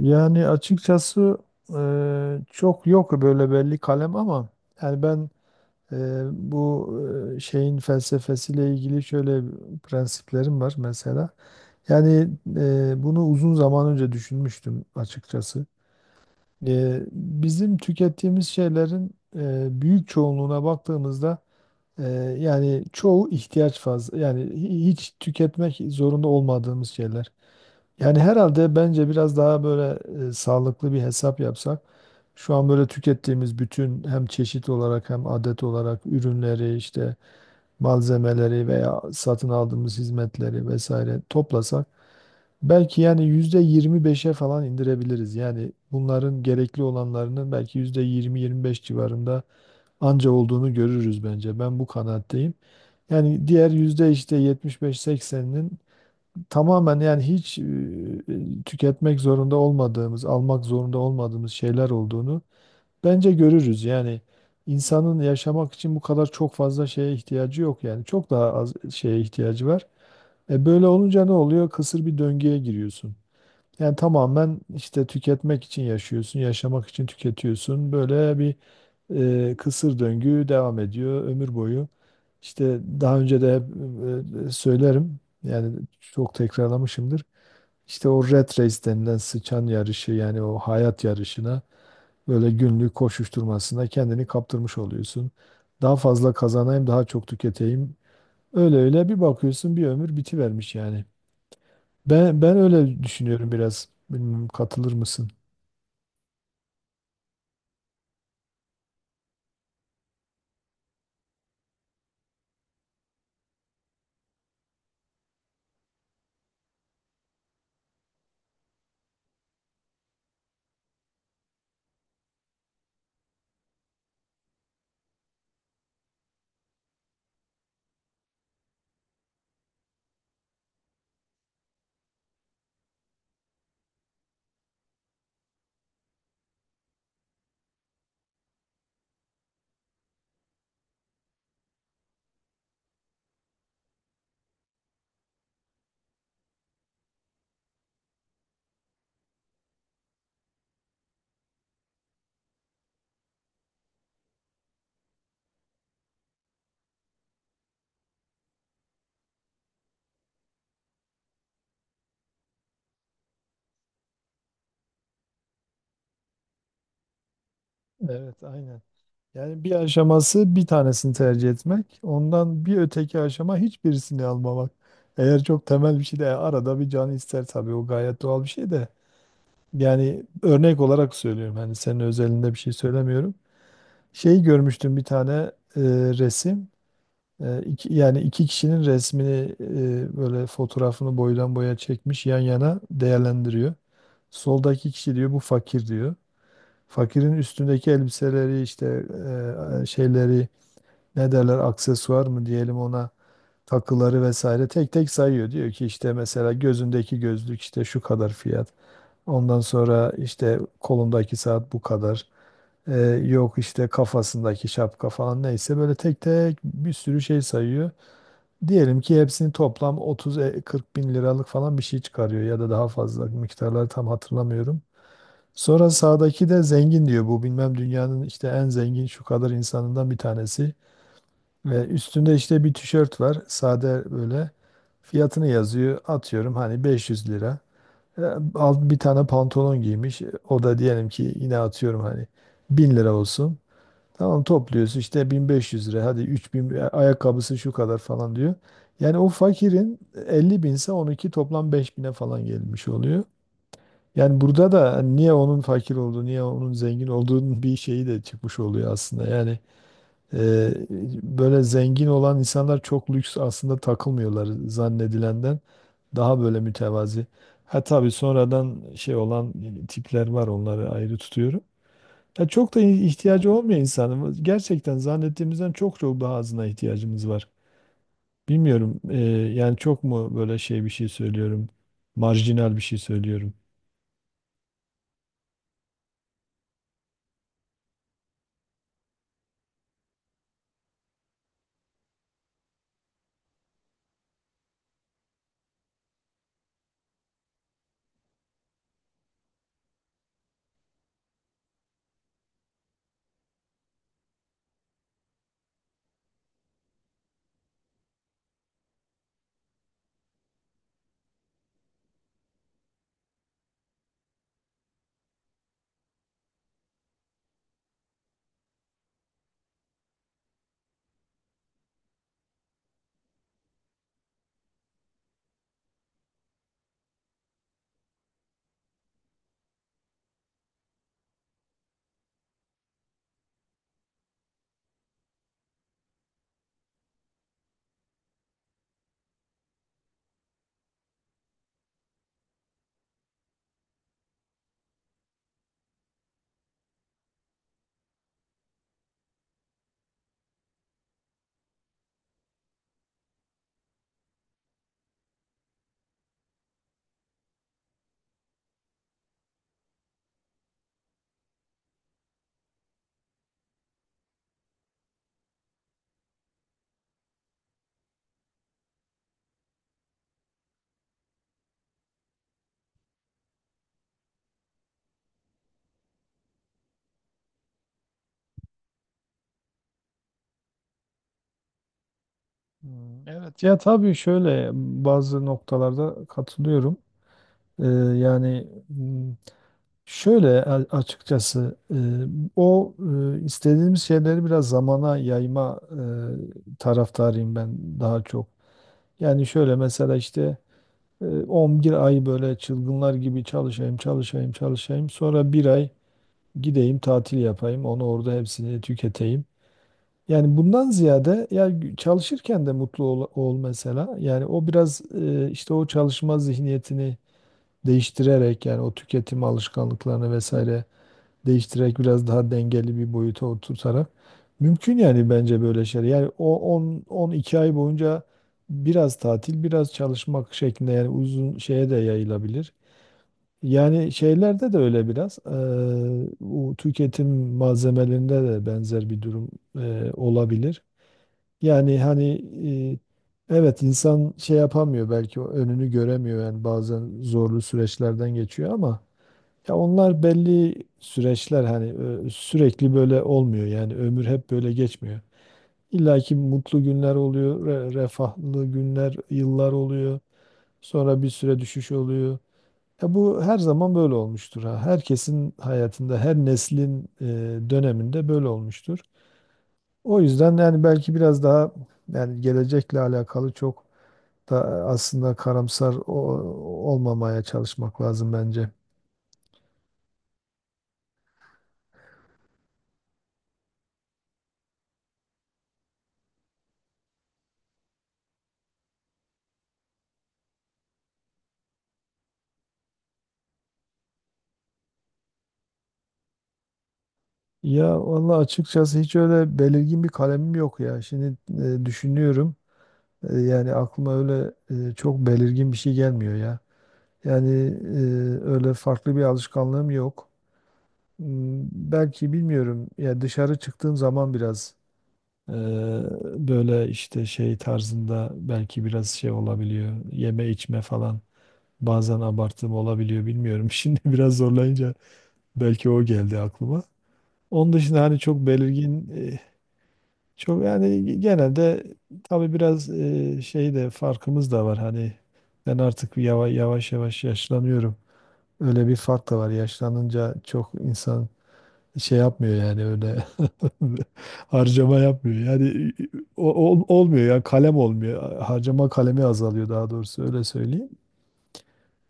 Yani açıkçası çok yok böyle belli kalem ama yani ben e, bu şeyin felsefesiyle ilgili şöyle prensiplerim var mesela. Yani bunu uzun zaman önce düşünmüştüm açıkçası. Bizim tükettiğimiz şeylerin büyük çoğunluğuna baktığımızda e, yani çoğu ihtiyaç fazla, yani hiç tüketmek zorunda olmadığımız şeyler. Yani herhalde bence biraz daha böyle sağlıklı bir hesap yapsak, şu an böyle tükettiğimiz bütün hem çeşit olarak hem adet olarak ürünleri, işte malzemeleri veya satın aldığımız hizmetleri vesaire toplasak, belki yani %25'e falan indirebiliriz. Yani bunların gerekli olanlarının belki %20-25 civarında anca olduğunu görürüz bence. Ben bu kanaatteyim. Yani diğer yüzde işte 75-80'inin tamamen, yani hiç tüketmek zorunda olmadığımız, almak zorunda olmadığımız şeyler olduğunu bence görürüz. Yani insanın yaşamak için bu kadar çok fazla şeye ihtiyacı yok, yani çok daha az şeye ihtiyacı var. E böyle olunca ne oluyor? Kısır bir döngüye giriyorsun. Yani tamamen, işte tüketmek için yaşıyorsun, yaşamak için tüketiyorsun. Böyle bir kısır döngü devam ediyor ömür boyu. İşte daha önce de hep söylerim. Yani çok tekrarlamışımdır. İşte o red race denilen sıçan yarışı, yani o hayat yarışına, böyle günlük koşuşturmasına kendini kaptırmış oluyorsun. Daha fazla kazanayım, daha çok tüketeyim. Öyle öyle bir bakıyorsun, bir ömür bitivermiş yani. Ben öyle düşünüyorum biraz. Bilmiyorum, katılır mısın? Evet, aynen. Yani bir aşaması bir tanesini tercih etmek, ondan bir öteki aşama hiçbirisini almamak. Eğer çok temel bir şey de arada bir can ister tabii, o gayet doğal bir şey de. Yani örnek olarak söylüyorum, hani senin özelinde bir şey söylemiyorum. Şey görmüştüm, bir tane e, resim. Yani iki kişinin resmini, böyle fotoğrafını boydan boya çekmiş, yan yana değerlendiriyor. Soldaki kişi diyor bu fakir, diyor. Fakirin üstündeki elbiseleri, işte şeyleri, ne derler aksesuar mı diyelim ona, takıları vesaire tek tek sayıyor. Diyor ki, işte mesela gözündeki gözlük işte şu kadar fiyat. Ondan sonra işte kolundaki saat bu kadar. E, Yok işte kafasındaki şapka falan, neyse böyle tek tek bir sürü şey sayıyor. Diyelim ki hepsini toplam 30-40 bin liralık falan bir şey çıkarıyor, ya da daha fazla, miktarları tam hatırlamıyorum. Sonra sağdaki de zengin diyor, bu bilmem dünyanın işte en zengin şu kadar insanından bir tanesi. Ve üstünde işte bir tişört var sade, böyle fiyatını yazıyor, atıyorum hani 500 lira. E, Alt bir tane pantolon giymiş, o da diyelim ki, yine atıyorum hani, 1000 lira olsun. Tamam, topluyorsun işte 1500 lira, hadi 3000, ayakkabısı şu kadar falan diyor. Yani o fakirin 50 binse, 12 toplam 5000'e falan gelmiş oluyor. Yani burada da niye onun fakir olduğu, niye onun zengin olduğunun bir şeyi de çıkmış oluyor aslında. Yani e, böyle zengin olan insanlar çok lüks aslında takılmıyorlar zannedilenden. Daha böyle mütevazi. Ha tabii sonradan şey olan tipler var, onları ayrı tutuyorum. Ya çok da ihtiyacı olmuyor insanın. Gerçekten zannettiğimizden çok çok daha azına ihtiyacımız var. Bilmiyorum, yani çok mu böyle şey, bir şey söylüyorum. Marjinal bir şey söylüyorum. Hmm, evet, ya tabii şöyle, bazı noktalarda katılıyorum. Ee, yani, şöyle açıkçası, o istediğimiz şeyleri biraz zamana yayma taraftarıyım ben, daha çok. Yani şöyle mesela, işte 11 ay böyle çılgınlar gibi çalışayım, çalışayım, çalışayım. Sonra bir ay gideyim, tatil yapayım, onu orada hepsini tüketeyim. Yani bundan ziyade, ya çalışırken de mutlu ol, ol mesela. Yani o biraz, işte o çalışma zihniyetini değiştirerek, yani o tüketim alışkanlıklarını vesaire değiştirerek, biraz daha dengeli bir boyuta oturtarak mümkün, yani bence böyle şeyler. Yani o 10 12 ay boyunca biraz tatil, biraz çalışmak şeklinde, yani uzun şeye de yayılabilir. Yani şeylerde de öyle biraz, bu tüketim malzemelerinde de benzer bir durum olabilir. Yani hani, evet insan şey yapamıyor belki, o önünü göremiyor, yani bazen zorlu süreçlerden geçiyor, ama ya onlar belli süreçler hani, sürekli böyle olmuyor, yani ömür hep böyle geçmiyor. İlla ki mutlu günler oluyor, refahlı günler, yıllar oluyor. Sonra bir süre düşüş oluyor. Ya bu her zaman böyle olmuştur ha. Herkesin hayatında, her neslin döneminde böyle olmuştur. O yüzden yani belki biraz daha, yani gelecekle alakalı çok da aslında karamsar olmamaya çalışmak lazım bence. Ya vallahi açıkçası hiç öyle belirgin bir kalemim yok ya. Şimdi, düşünüyorum. Yani aklıma öyle çok belirgin bir şey gelmiyor ya. Yani e, öyle farklı bir alışkanlığım yok. Hmm, Belki, bilmiyorum. Ya dışarı çıktığım zaman biraz, e, böyle işte şey tarzında, belki biraz şey olabiliyor. Yeme içme falan. Bazen abartım olabiliyor, bilmiyorum. Şimdi biraz zorlayınca belki o geldi aklıma. Onun dışında hani çok belirgin çok yani, genelde tabii biraz şey de, farkımız da var hani, ben artık yavaş yavaş yavaş yaşlanıyorum. Öyle bir fark da var. Yaşlanınca çok insan şey yapmıyor, yani öyle harcama yapmıyor. Yani olmuyor ya, kalem olmuyor. Harcama kalemi azalıyor, daha doğrusu, öyle söyleyeyim.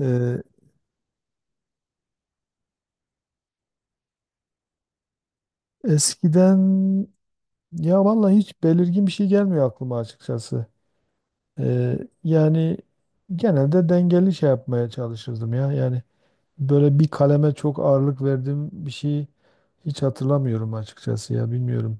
Ee, Eskiden ya vallahi hiç belirgin bir şey gelmiyor aklıma açıkçası. Ee, Yani genelde dengeli şey yapmaya çalışırdım ya. Yani böyle bir kaleme çok ağırlık verdiğim bir şey hiç hatırlamıyorum açıkçası, ya bilmiyorum.